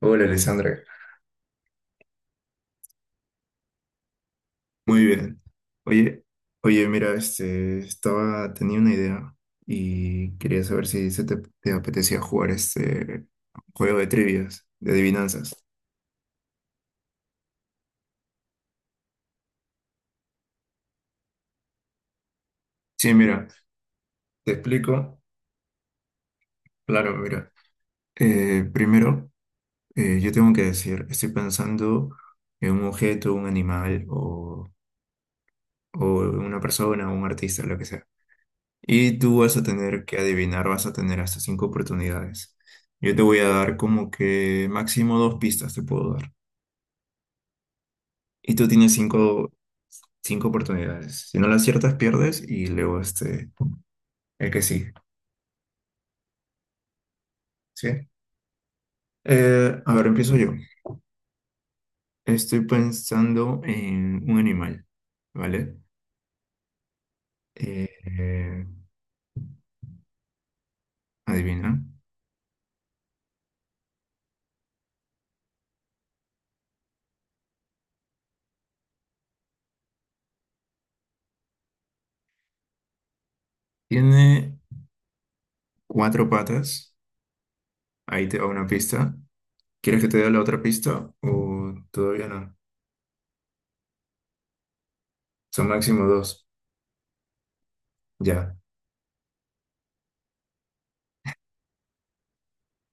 Hola, Alessandra. Muy bien. Oye, oye, mira, estaba, tenía una idea y quería saber si te apetecía jugar este juego de trivias, de adivinanzas. Sí, mira, te explico. Claro, mira. Primero, yo tengo que decir, estoy pensando en un objeto, un animal o una persona, un artista, lo que sea. Y tú vas a tener que adivinar, vas a tener hasta cinco oportunidades. Yo te voy a dar como que máximo dos pistas te puedo dar. Y tú tienes cinco, cinco oportunidades. Si no las aciertas, pierdes y luego el que sigue, ¿sí? A ver, empiezo yo. Estoy pensando en un animal, ¿vale? Eh, eh, adivina. Tiene cuatro patas. Ahí te va una pista. ¿Quieres que te dé la otra pista o todavía no? Son máximo dos. Ya.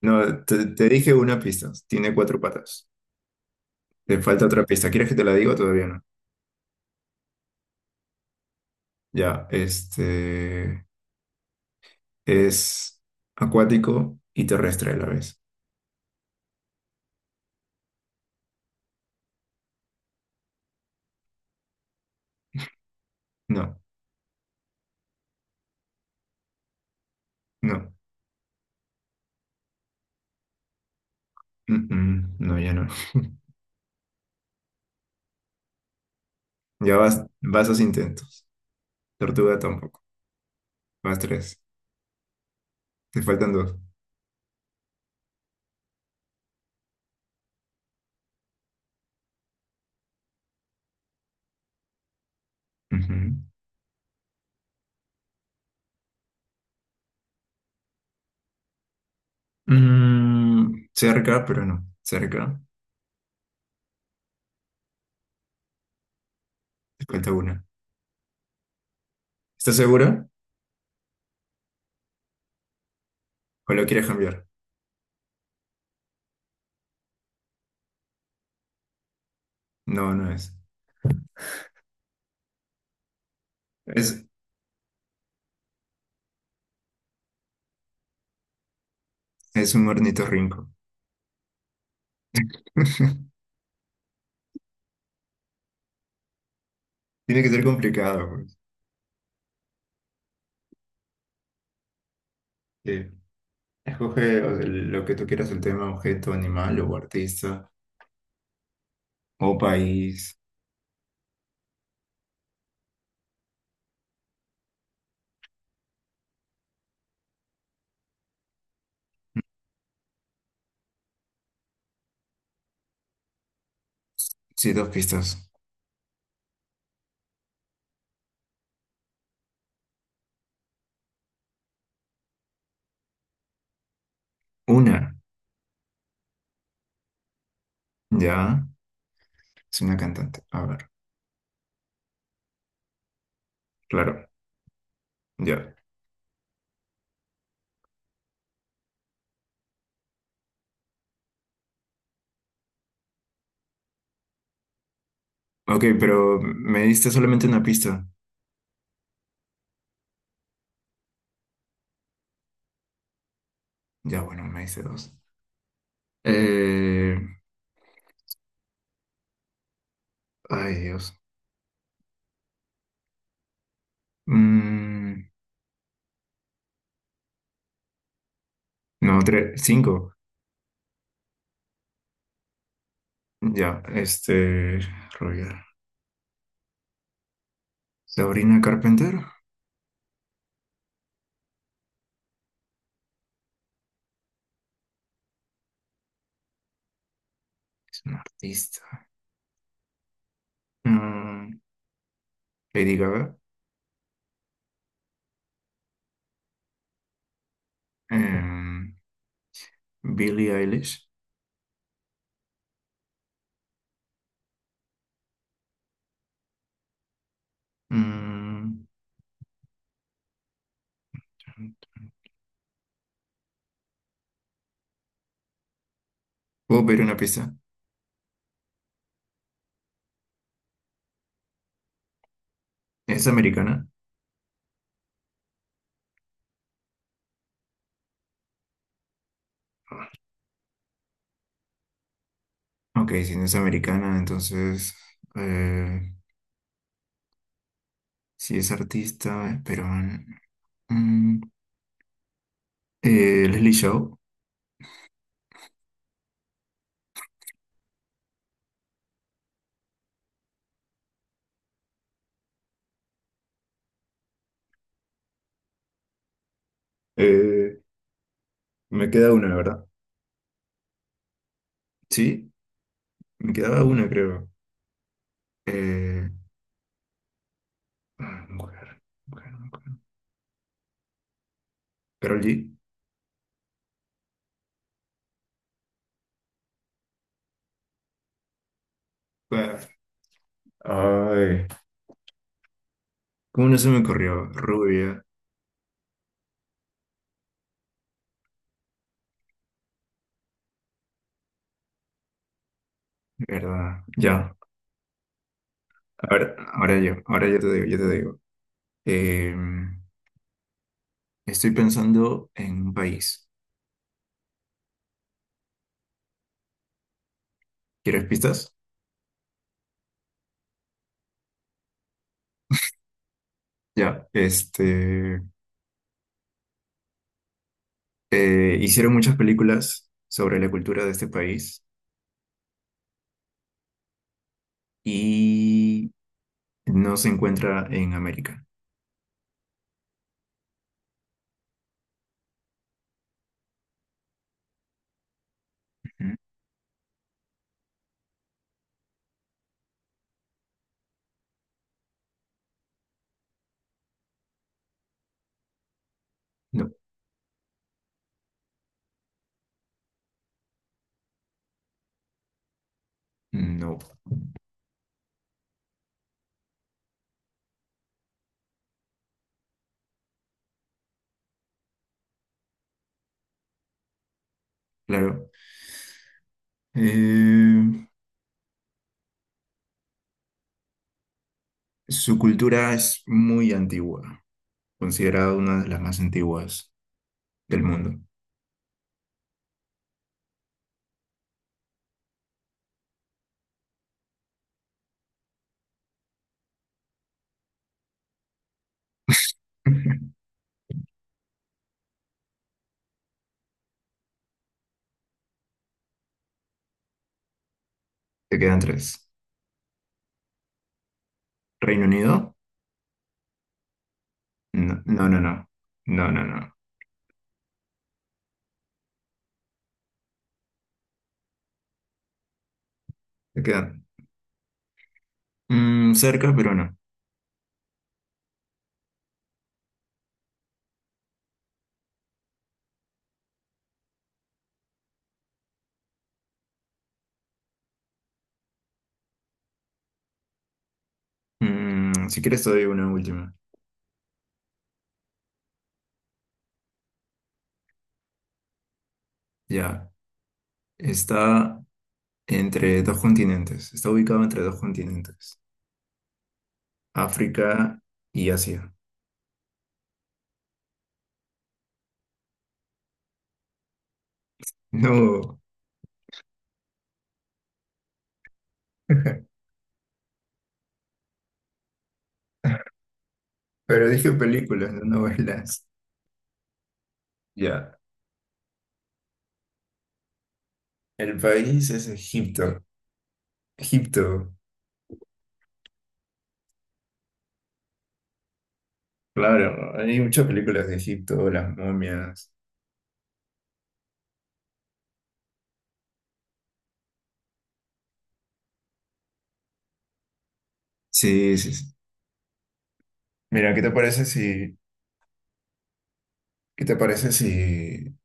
No, te dije una pista. Tiene cuatro patas. Te falta otra pista. ¿Quieres que te la diga o todavía no? Ya, este es acuático y terrestre a la vez. No, no. Mm, mm, no, ya no. Ya vas, vas a intentos. Tortuga tampoco. Vas tres. Te faltan dos. Ujú. Mm, cerca, pero no. Cerca. Te falta una. ¿Estás segura? ¿O lo quieres cambiar? No, no es. Es, es un ornitorrinco. Tiene que ser complicado, pues. Sí. Escoge, o sea, lo que tú quieras, el tema, objeto, animal o artista o país. Sí, dos pistas. Una, ya, es una cantante. A ver, claro, ya. Ok, pero me diste solamente una pista. Ya, bueno, me diste dos. Eh, ay, Dios. Mm, no, tres, cinco. Ya, Roger. Sabrina Carpenter es una artista. Mm, Lady Gaga. Em, Billie Eilish. Mm, ¿puedo pedir una pista? ¿Es americana? Ok, si no es americana, entonces eh, si es artista, es peruana. Mm, Leslie Shaw. Eh, me queda una, ¿verdad? Sí, me quedaba una, creo. Eh, mujer, mujer, mujer. Karol G. Ah, ay, ¿cómo no se me ocurrió? Rubia, ¿verdad? Ya, a ver, ahora yo te digo, yo te digo. Eh, Estoy pensando en un país. ¿Quieres pistas? Ya, hicieron muchas películas sobre la cultura de este país y no se encuentra en América. Ujú. No, no, claro. Eh, su cultura es muy antigua, considerada una de las más antiguas del mundo. Te quedan tres. ¿Reino Unido? No, no, no, no, no, no, no. Te quedan mm, cerca, pero no. Mm, si quieres te doy una última. Ya, está entre dos continentes. Está ubicado entre dos continentes. África y Asia. No, pero dije películas, no novelas. Ya, el país es Egipto. Egipto, claro, hay muchas películas de Egipto, las momias. Sí, sí, sí. Mira, qué te parece si,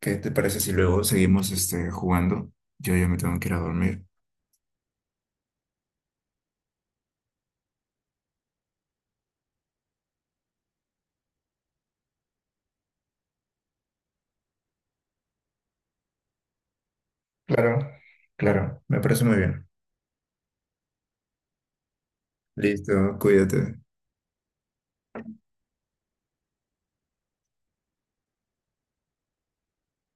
¿qué te parece si luego seguimos este, jugando? Yo ya me tengo que ir a dormir. Claro, claro, me parece muy bien. Listo, cuídate.